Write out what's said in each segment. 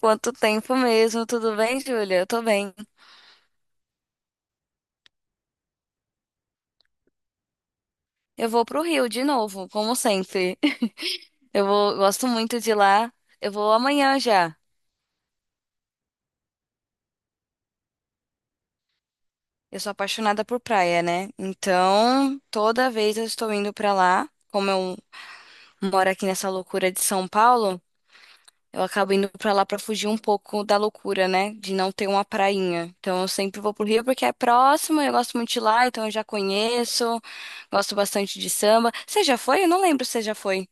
Quanto tempo mesmo? Tudo bem, Júlia? Eu tô bem. Eu vou pro Rio de novo, como sempre. Eu vou, gosto muito de lá. Eu vou amanhã já. Eu sou apaixonada por praia, né? Então, toda vez eu estou indo pra lá. Como eu moro aqui nessa loucura de São Paulo, eu acabo indo pra lá pra fugir um pouco da loucura, né? De não ter uma prainha. Então, eu sempre vou pro Rio porque é próximo, eu gosto muito de lá, então eu já conheço. Gosto bastante de samba. Você já foi? Eu não lembro se você já foi.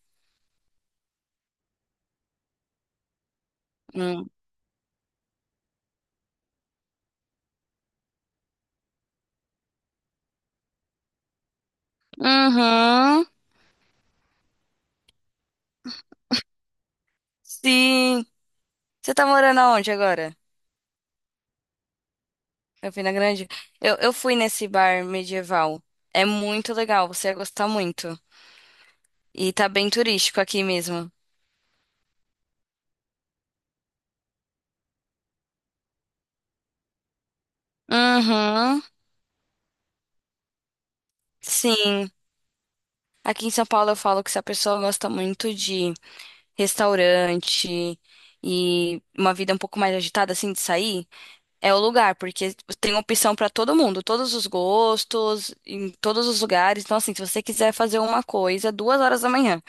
Hum. Uhum. Sim. Você tá morando aonde agora? Campina Grande? Eu fui nesse bar medieval. É muito legal, você ia gostar muito. E tá bem turístico aqui mesmo. Uhum. Sim. Aqui em São Paulo eu falo que se a pessoa gosta muito de restaurante e uma vida um pouco mais agitada, assim, de sair. É o lugar, porque tem opção pra todo mundo, todos os gostos, em todos os lugares. Então, assim, se você quiser fazer uma coisa, duas horas da manhã,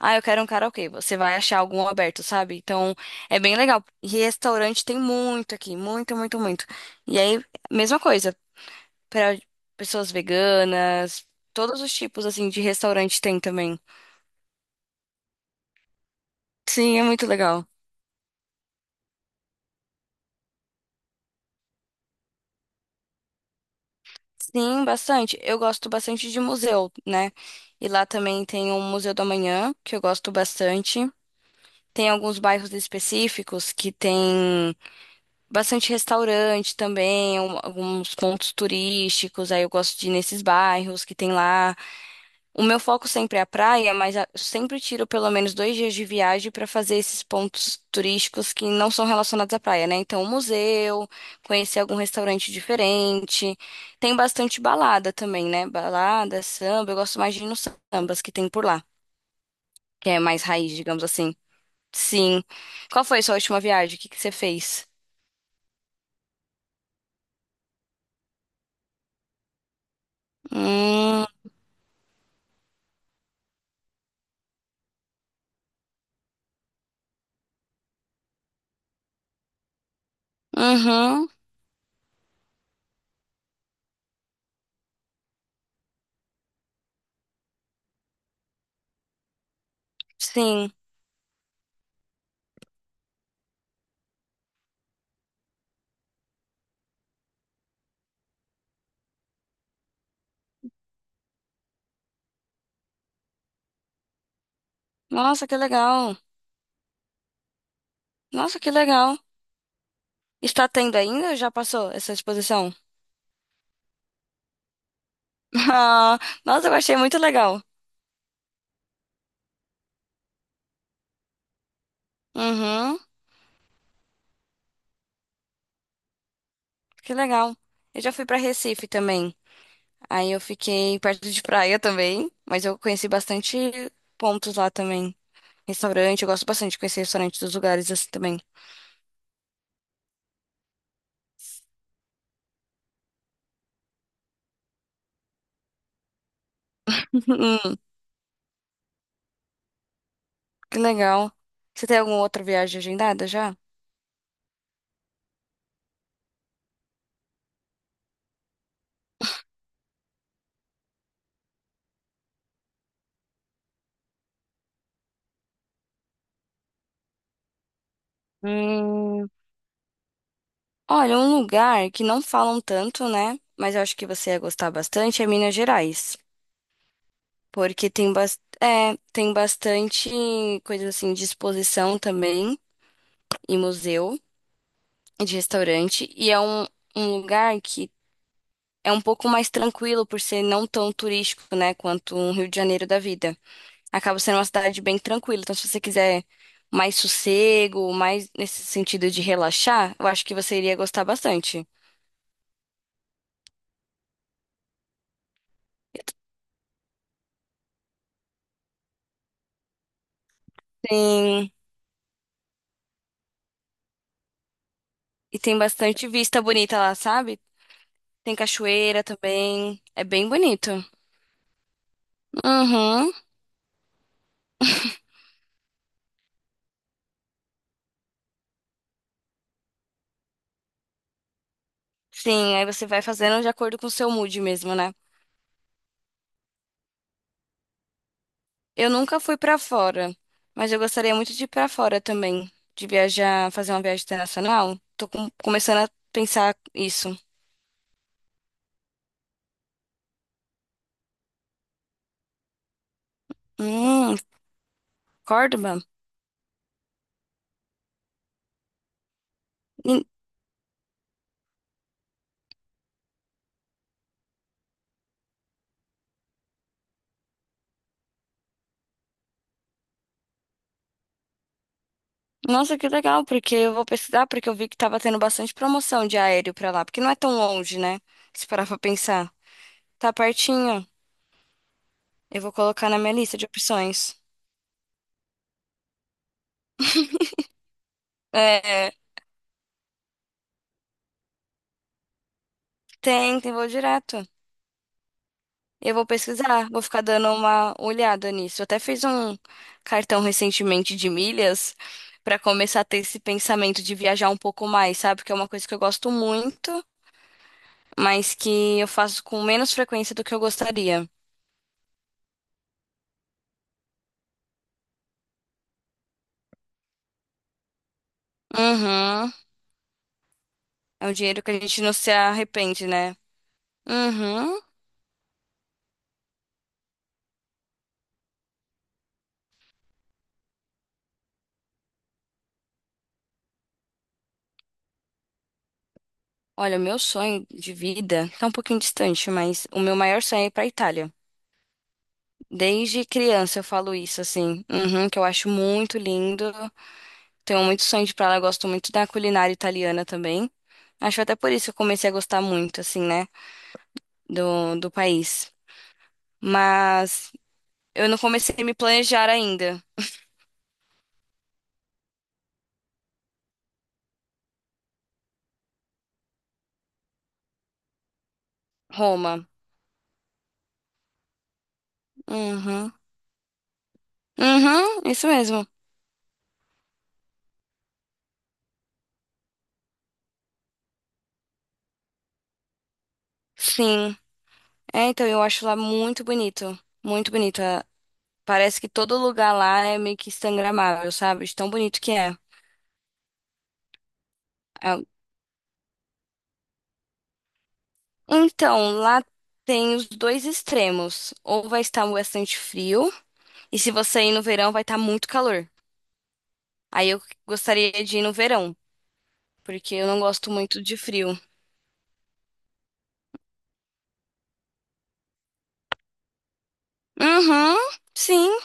ah, eu quero um karaokê, você vai achar algum aberto, sabe? Então, é bem legal. E restaurante tem muito aqui, muito, muito, muito. E aí, mesma coisa, pra pessoas veganas, todos os tipos, assim, de restaurante tem também. Sim, é muito legal. Sim, bastante. Eu gosto bastante de museu, né? E lá também tem o Museu do Amanhã, que eu gosto bastante. Tem alguns bairros específicos que tem bastante restaurante também, alguns pontos turísticos. Aí eu gosto de ir nesses bairros que tem lá. O meu foco sempre é a praia, mas sempre tiro pelo menos dois dias de viagem para fazer esses pontos turísticos que não são relacionados à praia, né? Então, um museu, conhecer algum restaurante diferente. Tem bastante balada também, né? Balada, samba. Eu gosto mais de ir nos sambas que tem por lá, que é mais raiz, digamos assim. Sim. Qual foi a sua última viagem? O que que você fez? Hum, uhum, sim. Nossa, que legal. Nossa, que legal. Está tendo ainda ou já passou essa exposição? Ah, nossa, eu achei muito legal. Uhum, que legal. Eu já fui pra Recife também. Aí eu fiquei perto de praia também, mas eu conheci bastante pontos lá também. Restaurante, eu gosto bastante de conhecer restaurante dos lugares assim também. Hum, que legal. Você tem alguma outra viagem agendada já? Hum, Olha, um lugar que não falam tanto, né? Mas eu acho que você ia gostar bastante é Minas Gerais. Porque tem bastante coisa assim de exposição também. E museu e de restaurante. E é um lugar que é um pouco mais tranquilo por ser não tão turístico, né, quanto um Rio de Janeiro da vida. Acaba sendo uma cidade bem tranquila. Então, se você quiser mais sossego, mais nesse sentido de relaxar, eu acho que você iria gostar bastante. Tem, e tem bastante vista bonita lá, sabe? Tem cachoeira também. É bem bonito. Uhum. Sim, aí você vai fazendo de acordo com o seu mood mesmo, né? Eu nunca fui pra fora, mas eu gostaria muito de ir pra fora também, de viajar, fazer uma viagem internacional. Tô começando a pensar isso. Hum, Córdoba. Hum, Nossa, que legal, porque eu vou pesquisar, porque eu vi que tava tendo bastante promoção de aéreo pra lá, porque não é tão longe, né? Se parar pra pensar. Tá pertinho. Eu vou colocar na minha lista de opções. É, tem, tem voo direto. Eu vou pesquisar, vou ficar dando uma olhada nisso. Eu até fiz um cartão recentemente de milhas pra começar a ter esse pensamento de viajar um pouco mais, sabe? Que é uma coisa que eu gosto muito, mas que eu faço com menos frequência do que eu gostaria. Uhum. É um dinheiro que a gente não se arrepende, né? Uhum. Olha, o meu sonho de vida tá um pouquinho distante, mas o meu maior sonho é ir pra Itália. Desde criança eu falo isso, assim, que eu acho muito lindo. Tenho muito sonho de ir pra lá, gosto muito da culinária italiana também. Acho até por isso que eu comecei a gostar muito, assim, né, do país. Mas eu não comecei a me planejar ainda. Roma. Uhum. Uhum, isso mesmo. Sim. É, então eu acho lá muito bonito. Muito bonito. É, parece que todo lugar lá é meio que instagramável, sabe? De tão bonito que é. É, então, lá tem os dois extremos. Ou vai estar bastante frio, e se você ir no verão, vai estar muito calor. Aí eu gostaria de ir no verão, porque eu não gosto muito de frio. Uhum, sim,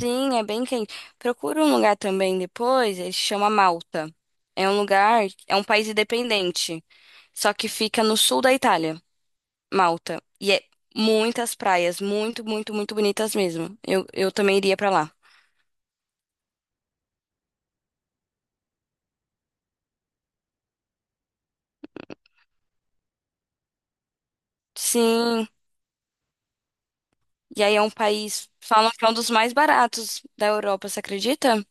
sim, é bem quente. Procura um lugar também depois, ele se chama Malta. É um lugar, é um país independente, só que fica no sul da Itália, Malta. E é muitas praias, muito, muito, muito bonitas mesmo. Eu também iria pra lá. Sim, e aí é um país, falam que é um dos mais baratos da Europa, você acredita?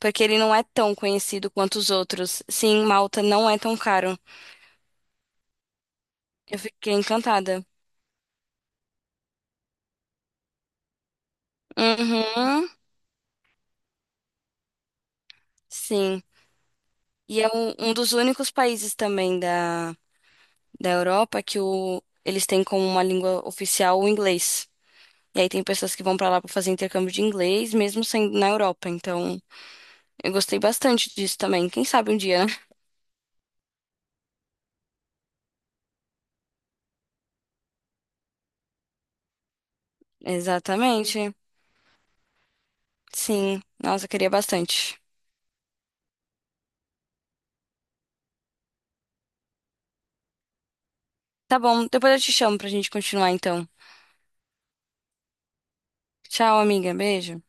Porque ele não é tão conhecido quanto os outros. Sim, Malta não é tão caro. Eu fiquei encantada. Uhum, sim. E é um dos únicos países também da Europa que eles têm como uma língua oficial o inglês. E aí tem pessoas que vão pra lá pra fazer intercâmbio de inglês, mesmo sendo na Europa. Então, eu gostei bastante disso também. Quem sabe um dia, né? Exatamente. Sim. Nossa, eu queria bastante. Tá bom, depois eu te chamo pra gente continuar então. Tchau, amiga. Beijo.